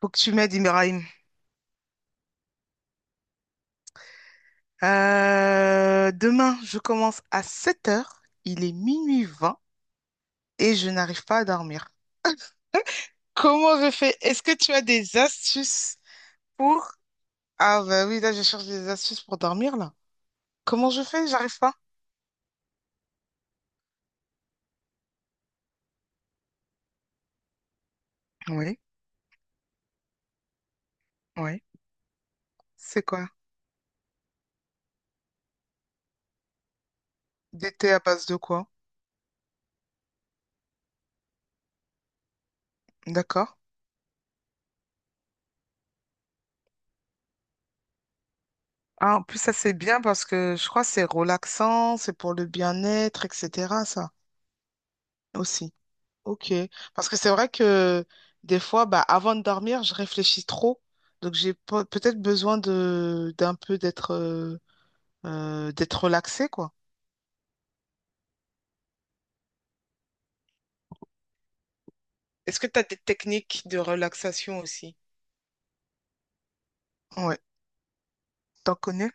Faut que tu m'aides, Ibrahim. Demain, je commence à 7h. Il est minuit 20 et je n'arrive pas à dormir. Comment je fais? Est-ce que tu as des astuces pour... Ah bah oui, là, je cherche des astuces pour dormir, là. Comment je fais? J'arrive pas. Oui, oui. C'est quoi? Des thés à base de quoi? D'accord. Ah, en plus, ça, c'est bien parce que je crois que c'est relaxant, c'est pour le bien-être, etc., ça, aussi. Ok, parce que c'est vrai que des fois, bah, avant de dormir, je réfléchis trop, donc j'ai peut-être besoin de d'un peu d'être d'être relaxé, quoi. Est-ce que tu as des techniques de relaxation aussi? Ouais, t'en connais?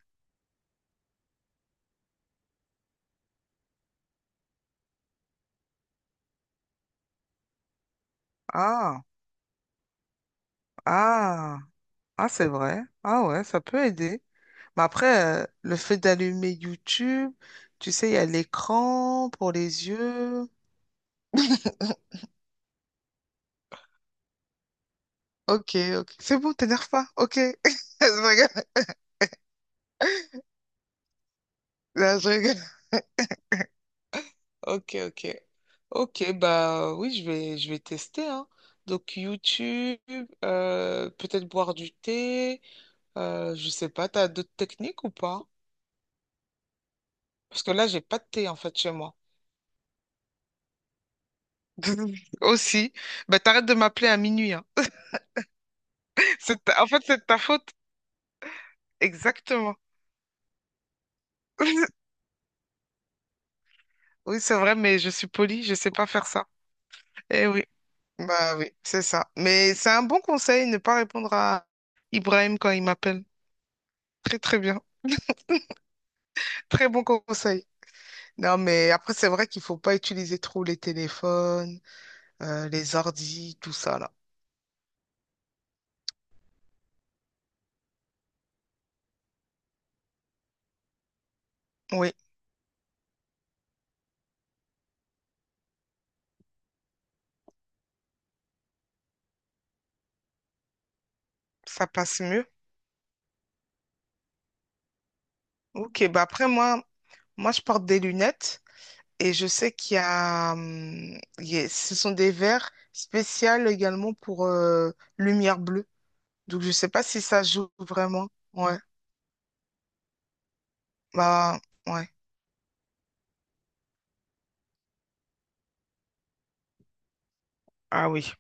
Ah, ah, ah, c'est vrai. Ah ouais, ça peut aider. Mais après, le fait d'allumer YouTube, tu sais, il y a l'écran pour les yeux. Ok, ok, c'est bon, t'énerve pas. Ok, je rigole. Non, je rigole. Ok, ok. Ok, bah oui, je vais tester, hein. Donc YouTube, peut-être boire du thé, je sais pas, t'as d'autres techniques ou pas? Parce que là, j'ai pas de thé en fait chez moi. Aussi. Bah t'arrêtes de m'appeler à minuit, hein. En fait, c'est de ta faute. Exactement. Oui, c'est vrai, mais je suis polie, je sais pas faire ça. Eh oui, bah oui, c'est ça. Mais c'est un bon conseil, ne pas répondre à Ibrahim quand il m'appelle. Très très bien. Très bon conseil. Non, mais après, c'est vrai qu'il faut pas utiliser trop les téléphones, les ordis, tout ça, là. Oui, ça passe mieux. Ok, bah après, moi, je porte des lunettes et je sais qu'il y a, ce sont des verres spéciaux également pour lumière bleue. Donc, je sais pas si ça joue vraiment. Ouais, bah, ouais. Ah oui.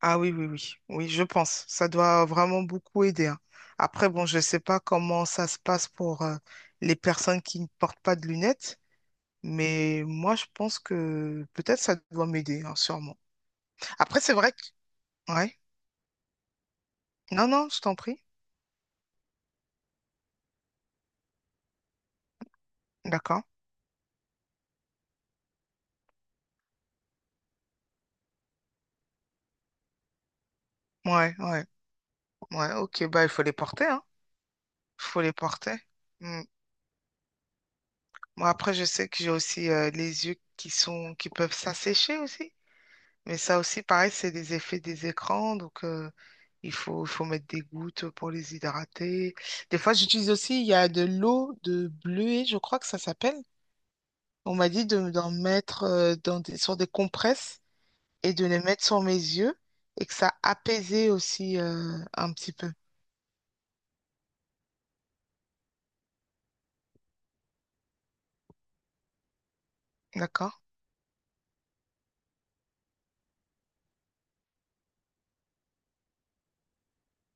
Ah oui, oui, oui, oui, je pense. Ça doit vraiment beaucoup aider, hein. Après, bon, je ne sais pas comment ça se passe pour les personnes qui ne portent pas de lunettes, mais moi, je pense que peut-être ça doit m'aider, hein, sûrement. Après, c'est vrai que... Ouais. Non, non, je t'en prie. D'accord. Ouais, ouais, ouais. Ok, bah, il faut les porter, hein. Il faut les porter. Mm. Moi, après, je sais que j'ai aussi les yeux qui sont, qui peuvent s'assécher aussi. Mais ça aussi, pareil, c'est les effets des écrans. Donc, il faut mettre des gouttes pour les hydrater. Des fois, j'utilise aussi, il y a de l'eau de bleuet, je crois que ça s'appelle. On m'a dit d'en mettre sur des compresses et de les mettre sur mes yeux et que ça apaisait aussi un petit peu. D'accord?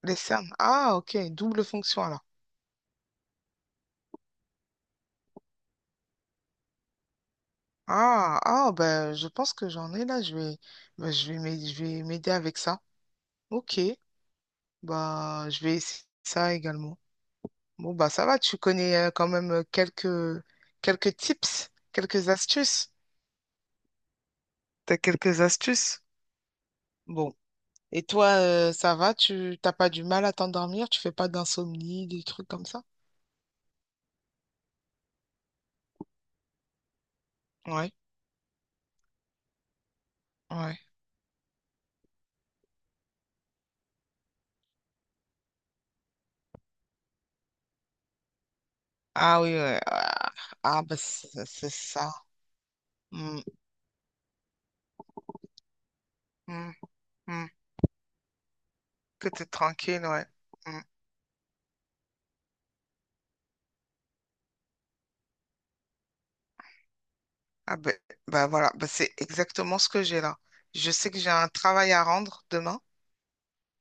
Les cernes. Ah, ok. Double fonction alors. Ah, ah, ben, je pense que j'en ai là. Je vais m'aider avec ça. Ok. Bah, je vais essayer ça également. Bon, bah ça va, tu connais quand même quelques tips, quelques astuces. T'as quelques astuces? Bon. Et toi, ça va? Tu t'as pas du mal à t'endormir? Tu fais pas d'insomnie, des trucs comme ça? Ouais, ouais. Ah oui, ouais. Ah, ah, bah c'est ça. Mm, mm, mm. Que t'es tranquille, ouais. Mm. Ah ben bah, voilà, bah, c'est exactement ce que j'ai là. Je sais que j'ai un travail à rendre demain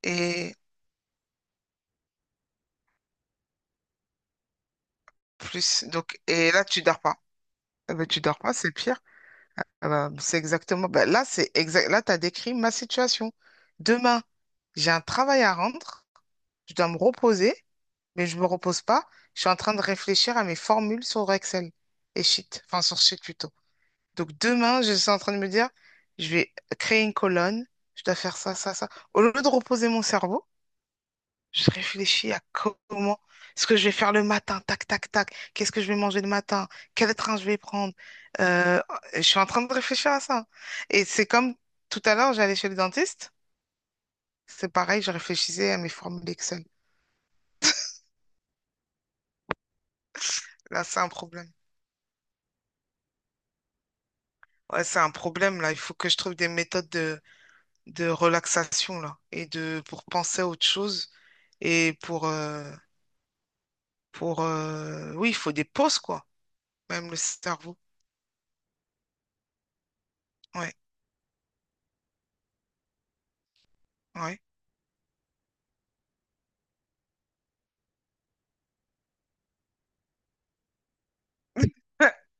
et plus. Donc, et là, tu dors pas. Eh ben, tu dors pas, c'est pire. Ah bah, c'est exactement, bah, là, c'est exact. Là, tu as décrit ma situation. Demain, j'ai un travail à rendre. Je dois me reposer, mais je me repose pas. Je suis en train de réfléchir à mes formules sur Excel et Sheet, enfin sur Sheet plutôt. Donc demain, je suis en train de me dire, je vais créer une colonne. Je dois faire ça, ça, ça. Au lieu de reposer mon cerveau, je réfléchis à comment ce que je vais faire le matin, tac, tac, tac. Qu'est-ce que je vais manger le matin? Quel train je vais prendre? Euh, je suis en train de réfléchir à ça. Et c'est comme tout à l'heure, j'allais chez le dentiste. C'est pareil, je réfléchissais à mes formules Excel. Là, c'est un problème. Ouais, c'est un problème, là. Il faut que je trouve des méthodes de relaxation, là. Et pour penser à autre chose. Et pour, euh, oui, il faut des pauses, quoi. Même le cerveau. Ouais, ouais.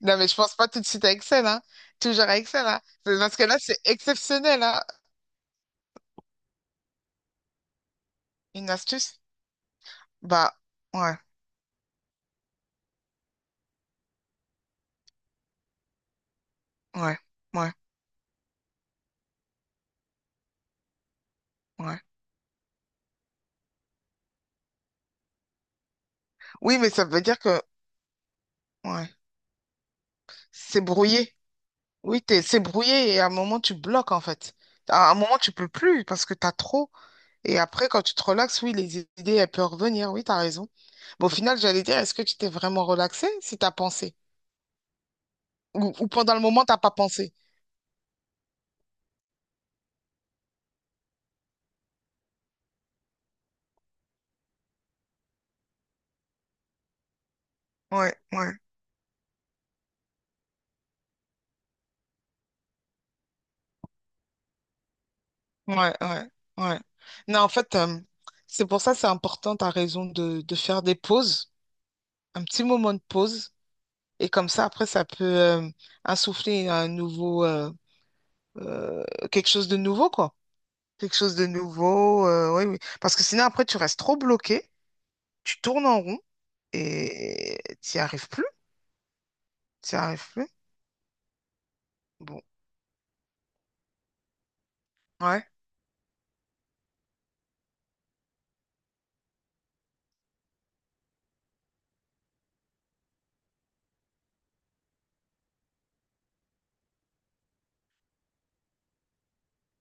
Non, mais je pense pas tout de suite à Excel, hein. Toujours à Excel, hein. Parce que là c'est exceptionnel, hein. Une astuce? Bah, ouais, ouais, ouais, ouais. Oui, mais ça veut dire que, ouais, c'est brouillé. Oui, c'est brouillé et à un moment, tu bloques, en fait. À un moment, tu peux plus parce que t'as trop. Et après, quand tu te relaxes, oui, les idées, elles peuvent revenir. Oui, t'as raison. Bon, au final, j'allais dire, est-ce que tu t'es vraiment relaxé si t'as pensé? Ou pendant le moment, t'as pas pensé? Ouais, ouais. Ouais, ouais, ouais. Non, en fait, c'est pour ça c'est important, t'as raison, de faire des pauses, un petit moment de pause. Et comme ça, après, ça peut insuffler euh, quelque chose de nouveau, quoi. Quelque chose de nouveau, oui, oui. Parce que sinon, après, tu restes trop bloqué, tu tournes en rond et t'y arrives plus. T'y arrives plus. Bon, ouais.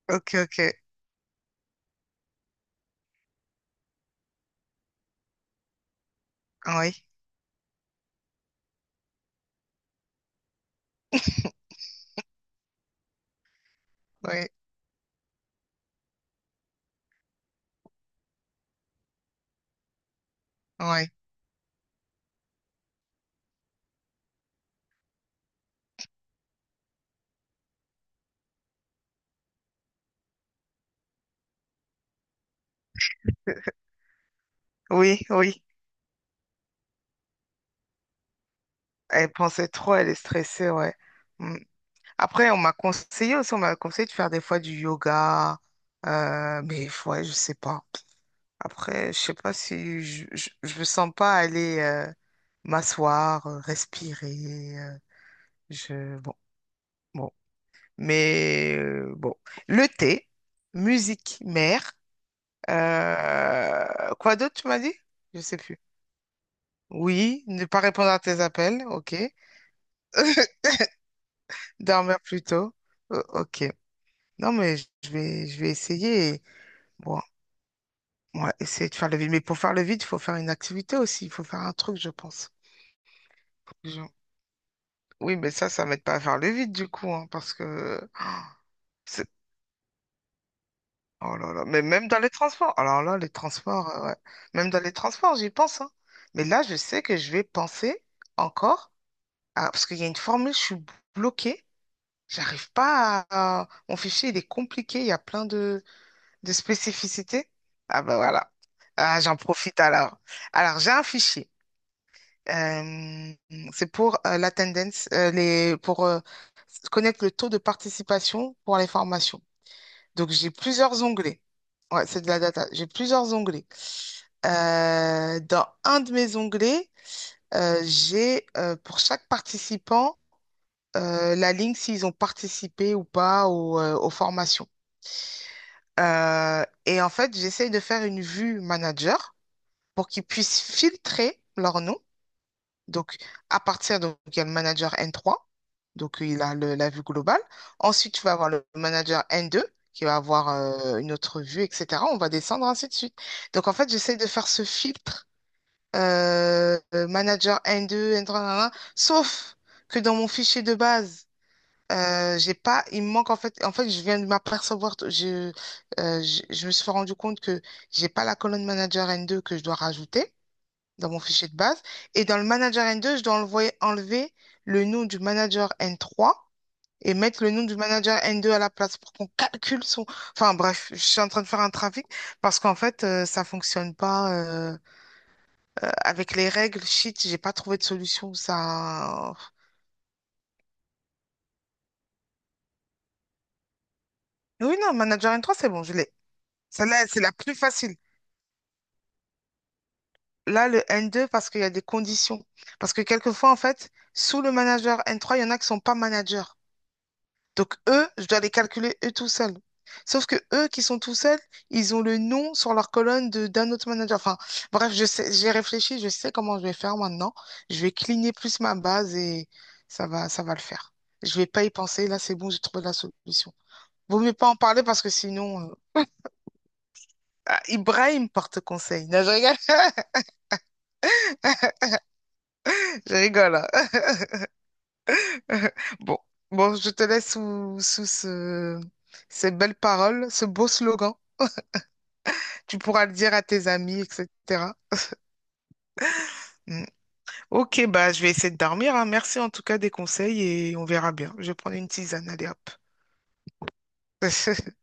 Ok, ok. Oui, oui, oui. Oui, oui. Elle pensait trop, elle est stressée, ouais. Mm. Après, on m'a conseillé aussi, on m'a conseillé de faire des fois du yoga, mais ouais, je sais pas. Après, je sais pas si je me sens pas aller m'asseoir, respirer. Je Bon, bon. Mais bon, le thé, musique mère. euh, quoi d'autre tu m'as dit? Je sais plus. Oui, ne pas répondre à tes appels, ok. Dormir plus tôt, ok. Non mais je vais essayer. Bon, ouais, essayer de faire le vide. Mais pour faire le vide, il faut faire une activité aussi. Il faut faire un truc, je pense. Pour Oui, mais ça m'aide pas à faire le vide, du coup, hein, parce que c'est... Oh là là. Mais même dans les transports. Alors là, les transports, ouais. Même dans les transports, j'y pense, hein. Mais là, je sais que je vais penser encore. Parce qu'il y a une formule, je suis bloquée. J'arrive pas Mon fichier, il est compliqué. Il y a plein de spécificités. Ah ben voilà. Ah, j'en profite alors. Alors, j'ai un fichier. Euh, c'est pour euh, les, pour euh, connaître le taux de participation pour les formations. Donc, j'ai plusieurs onglets. Ouais, c'est de la data. J'ai plusieurs onglets. Dans un de mes onglets, j'ai pour chaque participant la ligne s'ils ont participé ou pas aux formations. Et en fait, j'essaye de faire une vue manager pour qu'ils puissent filtrer leurs noms. Donc, donc, il y a le manager N3, donc il a la vue globale. Ensuite, tu vas avoir le manager N2 qui va avoir une autre vue, etc. On va descendre ainsi de suite. Donc, en fait, j'essaie de faire ce filtre manager N2, N3, nanana, sauf que dans mon fichier de base, j'ai pas, il me manque en fait, je viens de m'apercevoir, je me suis rendu compte que j'ai pas la colonne manager N2 que je dois rajouter dans mon fichier de base. Et dans le manager N2, je dois enlever le nom du manager N3 et mettre le nom du manager N2 à la place pour qu'on calcule son... Enfin bref, je suis en train de faire un trafic parce qu'en fait, ça fonctionne pas euh, avec les règles. Shit, j'ai pas trouvé de solution. Ça... Oui, non, manager N3, c'est bon, je l'ai. Celle-là, c'est la plus facile. Là, le N2, parce qu'il y a des conditions. Parce que quelquefois, en fait, sous le manager N3, il y en a qui sont pas managers. Donc, eux, je dois les calculer eux tout seuls. Sauf que eux qui sont tout seuls, ils ont le nom sur leur colonne de d'un autre manager. Enfin, bref, je sais, j'ai réfléchi, je sais comment je vais faire maintenant. Je vais cligner plus ma base et ça va le faire. Je vais pas y penser. Là, c'est bon, j'ai trouvé la solution. Vaut mieux pas en parler parce que sinon, ah, Ibrahim porte conseil. Non, je rigole, je rigole, hein. Bon, bon, je te laisse sous ces belles paroles, ce beau slogan. Tu pourras le dire à tes amis, etc. Ok, bah je vais essayer de dormir, hein. Merci en tout cas des conseils et on verra bien. Je vais prendre une tisane, allez hop.